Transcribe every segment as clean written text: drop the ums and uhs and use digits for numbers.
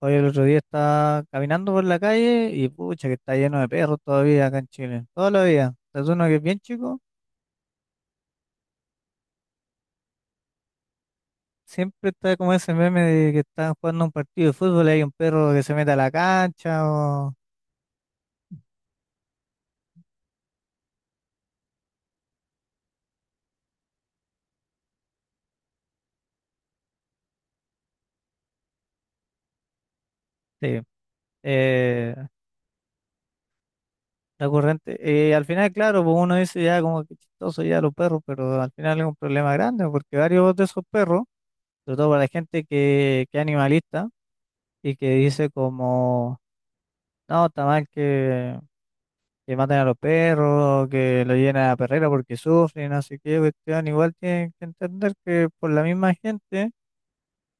Hoy el otro día estaba caminando por la calle y pucha que está lleno de perros todavía acá en Chile. Todavía. Es uno que es bien chico. Siempre está como ese meme de que están jugando un partido de fútbol y hay un perro que se mete a la cancha o... Sí. Eh, recurrente. Y al final, claro, pues uno dice ya como que chistoso ya los perros, pero al final es un problema grande porque varios de esos perros, sobre todo para la gente que es animalista y que dice como, no, está mal que maten a los perros, que lo lleven a la perrera porque sufren, no sé qué cuestión. Igual tienen que entender que por la misma gente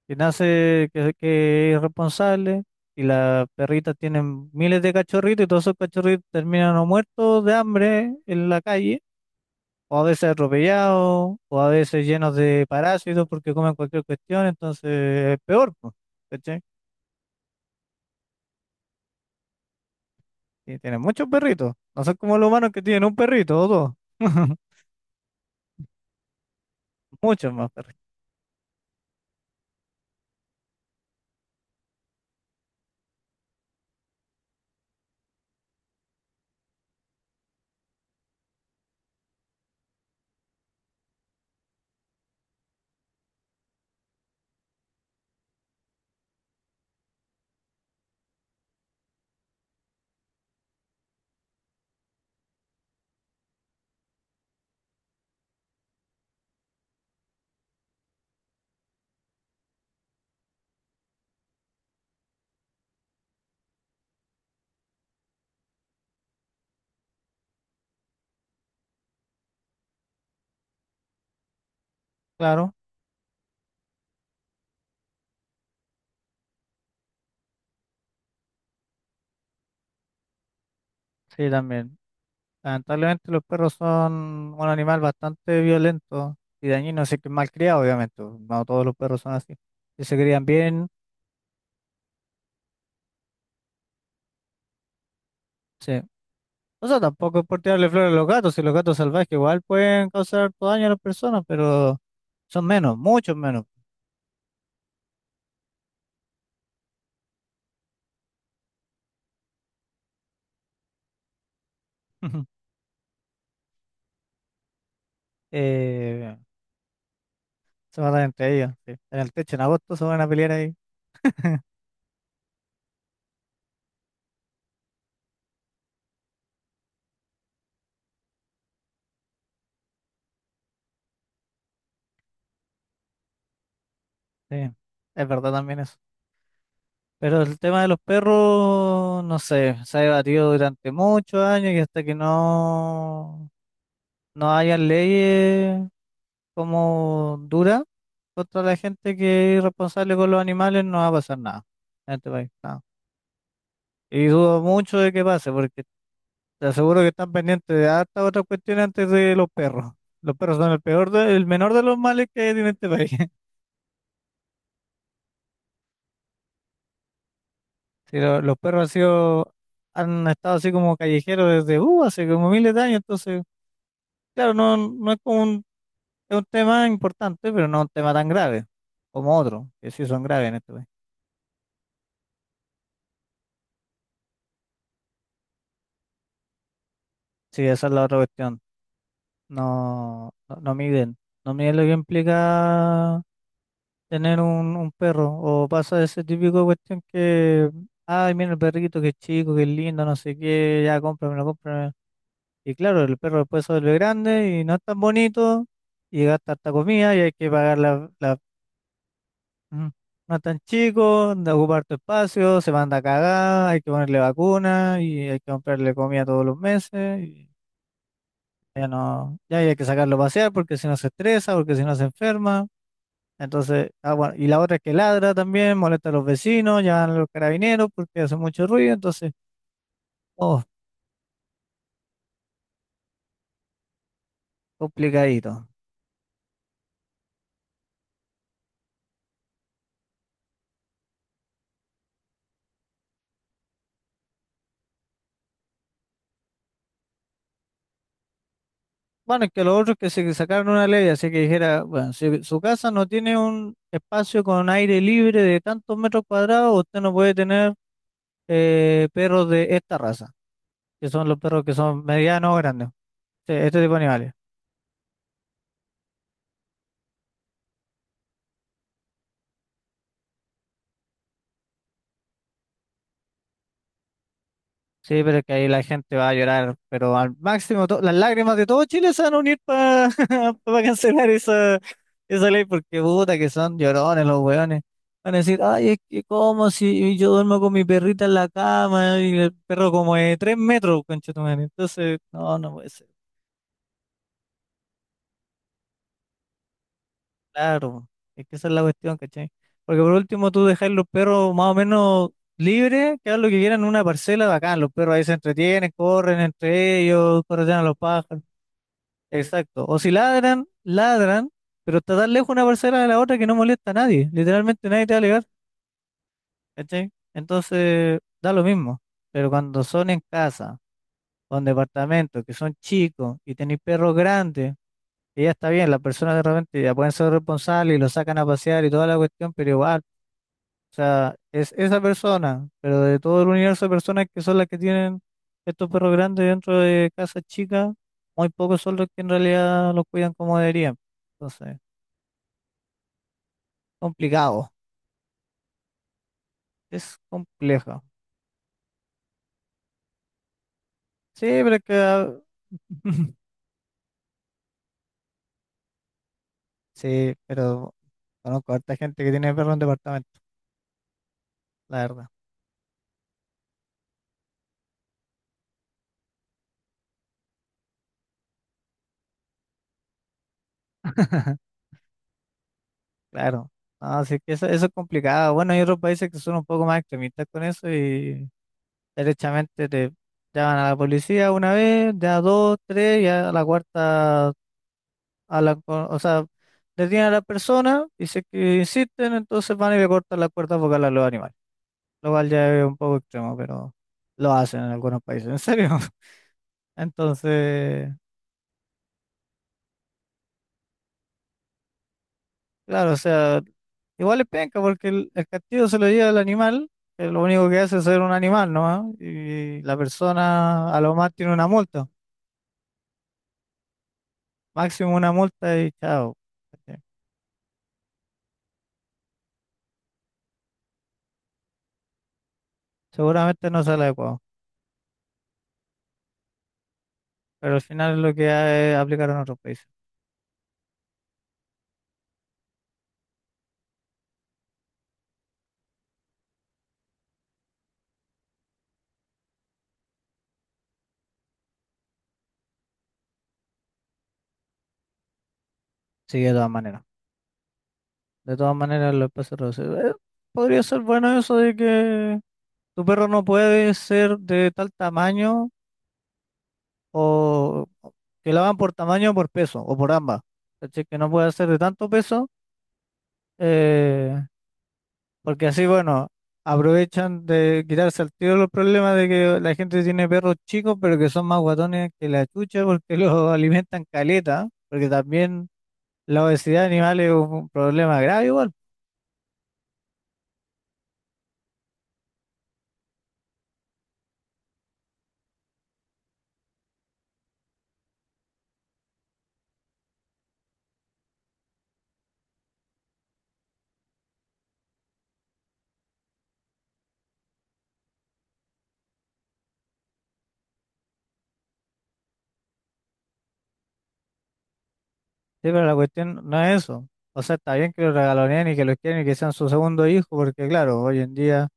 que nace, que es responsable, y las perritas tienen miles de cachorritos y todos esos cachorritos terminan o muertos de hambre en la calle, o a veces atropellados, o a veces llenos de parásitos porque comen cualquier cuestión, entonces es peor, pues, ¿cachai? Y tienen muchos perritos, no son como los humanos que tienen un perrito o dos, muchos más perritos. Claro. Sí, también. Lamentablemente los perros son un animal bastante violento y dañino, si es que es mal criado, obviamente. No todos los perros son así. Si se crían bien, sí. O sea, tampoco es por tirarle flores a los gatos, si los gatos salvajes igual pueden causar harto daño a las personas, pero son menos, muchos menos. Eh, se matan entre ellos, sí. En el techo en agosto se van a pelear ahí. Sí, es verdad también eso. Pero el tema de los perros, no sé, se ha debatido durante muchos años y hasta que no no hayan leyes como duras contra la gente que es irresponsable con los animales, no va a pasar nada en este país. Nada. Y dudo mucho de que pase, porque te aseguro que están pendientes de hartas otras cuestiones antes de los perros. Los perros son el el menor de los males que hay en este país. Sí, los perros han sido, han estado así como callejeros desde hace como miles de años, entonces, claro, no, no es como un, es un tema importante, pero no un tema tan grave como otro, que sí son graves en este país. Sí, esa es la otra cuestión. No, no, no miden. No miden lo que implica tener un perro. O pasa ese típico cuestión que, ay, mira el perrito, que chico, que lindo, no sé qué, ya cómpramelo, cómpramelo. Y claro, el perro después se vuelve grande y no es tan bonito y gasta harta comida y hay que pagar mm, No es tan chico, de ocupar tu espacio, se manda a cagar, hay que ponerle vacuna y hay que comprarle comida todos los meses. Ya no, ya hay que sacarlo a pasear porque si no se estresa, porque si no se enferma. Entonces, ah, bueno, y la otra es que ladra también, molesta a los vecinos, llaman a los carabineros porque hace mucho ruido, entonces, oh, complicadito. Bueno, es que los otros que se sacaron una ley, así que dijera, bueno, si su casa no tiene un espacio con aire libre de tantos metros cuadrados, usted no puede tener perros de esta raza, que son los perros que son medianos o grandes, este tipo de animales. Sí, pero es que ahí la gente va a llorar, pero al máximo las lágrimas de todo Chile se van a unir para cancelar esa ley, porque puta que son llorones los weones. Van a decir, ay, es que como si yo duermo con mi perrita en la cama y el perro como de 3 metros, conchetumare. Entonces, no, no puede ser. Claro, es que esa es la cuestión, ¿cachai? Porque por último tú dejas los perros más o menos libres, que hagan lo que quieran en una parcela bacán. Los perros ahí se entretienen, corren entre ellos, corretean a los pájaros. Exacto. O si ladran, ladran, pero está tan lejos una parcela de la otra que no molesta a nadie. Literalmente nadie te va a alegar. ¿Cachai? Entonces, da lo mismo. Pero cuando son en casa o en departamentos que son chicos y tenéis perros grandes, que ya está bien, las personas de repente ya pueden ser responsables y lo sacan a pasear y toda la cuestión, pero igual, o sea, es esa persona, pero de todo el universo de personas que son las que tienen estos perros grandes dentro de casas chicas, muy pocos son los que en realidad los cuidan como deberían. Entonces, complicado, es complejo. Sí, pero es que ah, sí, pero conozco harta gente que tiene perro en departamento, la verdad. Claro. No, sí que eso es complicado. Bueno, hay otros países que son un poco más extremistas con eso y derechamente te llaman a la policía una vez, ya dos, tres, ya a la cuarta a la, o sea, detienen a la persona y si es que insisten, entonces van y le cortan las cuerdas vocales a los animales. Lo cual ya es un poco extremo, pero lo hacen en algunos países, en serio. Entonces, claro, o sea, igual es penca porque el castigo se lo lleva el animal, que lo único que hace es ser un animal, ¿no? Y la persona a lo más tiene una multa, máximo una multa y chao. ¿Cachai? Seguramente no sale adecuado, pero al final es lo que aplicaron en otros países. Sí, de todas maneras. De todas maneras, los perros reducidos. Podría ser bueno eso de que tu perro no puede ser de tal tamaño o que la van por tamaño o por peso o por ambas. ¿Cachai? Que no puede ser de tanto peso eh, porque así, bueno, aprovechan de quitarse al tiro los problemas de que la gente tiene perros chicos pero que son más guatones que la chucha porque los alimentan caleta, porque también la obesidad animal es un problema grave igual. Sí, pero la cuestión no es eso. O sea, está bien que lo regaloneen y que lo quieran y que sean su segundo hijo, porque claro, hoy en día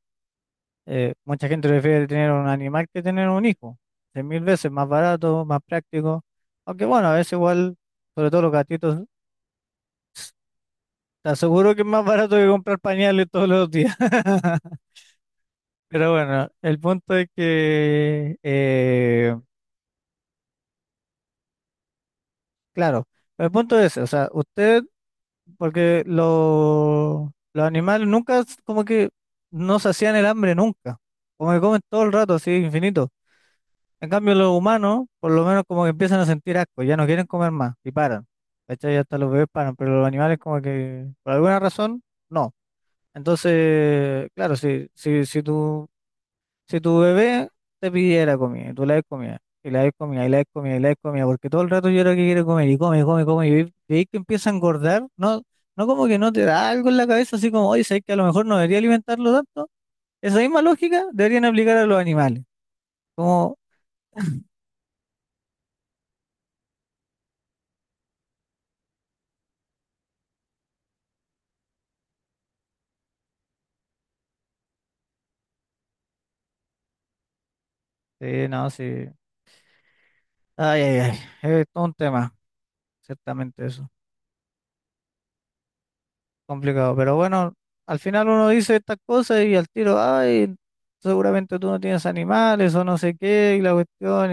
mucha gente prefiere tener un animal que tener un hijo. Es mil veces más barato, más práctico. Aunque bueno, a veces igual, sobre todo los gatitos, te aseguro que es más barato que comprar pañales todos los días. Pero bueno, el punto es que, claro, el punto es, o sea, usted. Porque los animales nunca, como que no se hacían el hambre nunca. Como que comen todo el rato, así, infinito. En cambio, los humanos, por lo menos, como que empiezan a sentir asco, ya no quieren comer más y paran. ¿Cachai? Hasta los bebés paran, pero los animales, como que por alguna razón, no. Entonces, claro, si tu bebé te pidiera comida, y tú le das comida, y le das comida, y le das comida, y le das comida, porque todo el rato llora que quiere comer, y come, y come, y come, y veis que empieza a engordar, no, no como que no te da algo en la cabeza, así como, oye, sabes que a lo mejor no debería alimentarlo tanto, esa misma lógica deberían aplicar a los animales, como, sí, no, sí, ay, ay, ay, es todo un tema, ciertamente eso, complicado, pero bueno, al final uno dice estas cosas y al tiro, ay, seguramente tú no tienes animales o no sé qué, y la cuestión,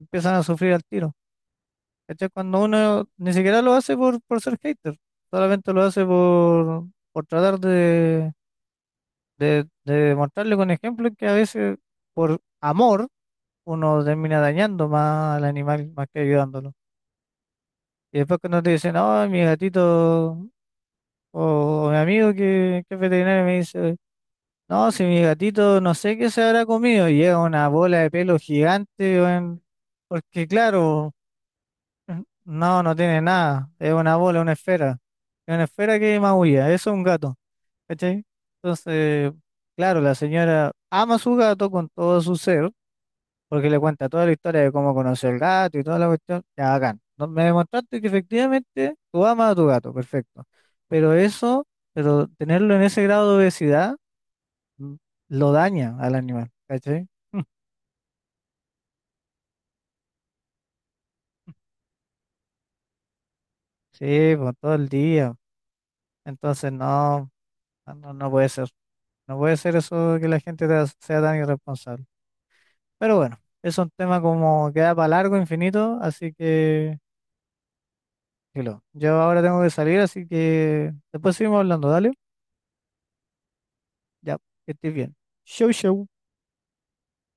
empiezan a sufrir al tiro. ¿Cachai? Cuando uno ni siquiera lo hace por ser hater, solamente lo hace por tratar de mostrarle con ejemplos que a veces por amor uno termina dañando más al animal más que ayudándolo. Y después cuando te dicen, no, mi gatito o, mi amigo que es veterinario me dice, no, si mi gatito no sé qué se habrá comido, y llega una bola de pelo gigante, weón, porque claro. No, no tiene nada. Es una bola, una esfera. Es una esfera que maulla. Eso es un gato. ¿Cachai? Entonces, claro, la señora ama a su gato con todo su ser, porque le cuenta toda la historia de cómo conoció el gato y toda la cuestión. Ya, bacán. Me demostraste que efectivamente tú amas a tu gato. Perfecto. Pero eso, pero tenerlo en ese grado de obesidad, mm, lo daña al animal. ¿Cachai? Sí, por todo el día. Entonces, no, no, no puede ser. No puede ser eso que la gente sea tan irresponsable. Pero bueno, es un tema como que da para largo, infinito, así que filo. Yo ahora tengo que salir, así que después seguimos hablando, dale. Ya, que estés bien. Show, show.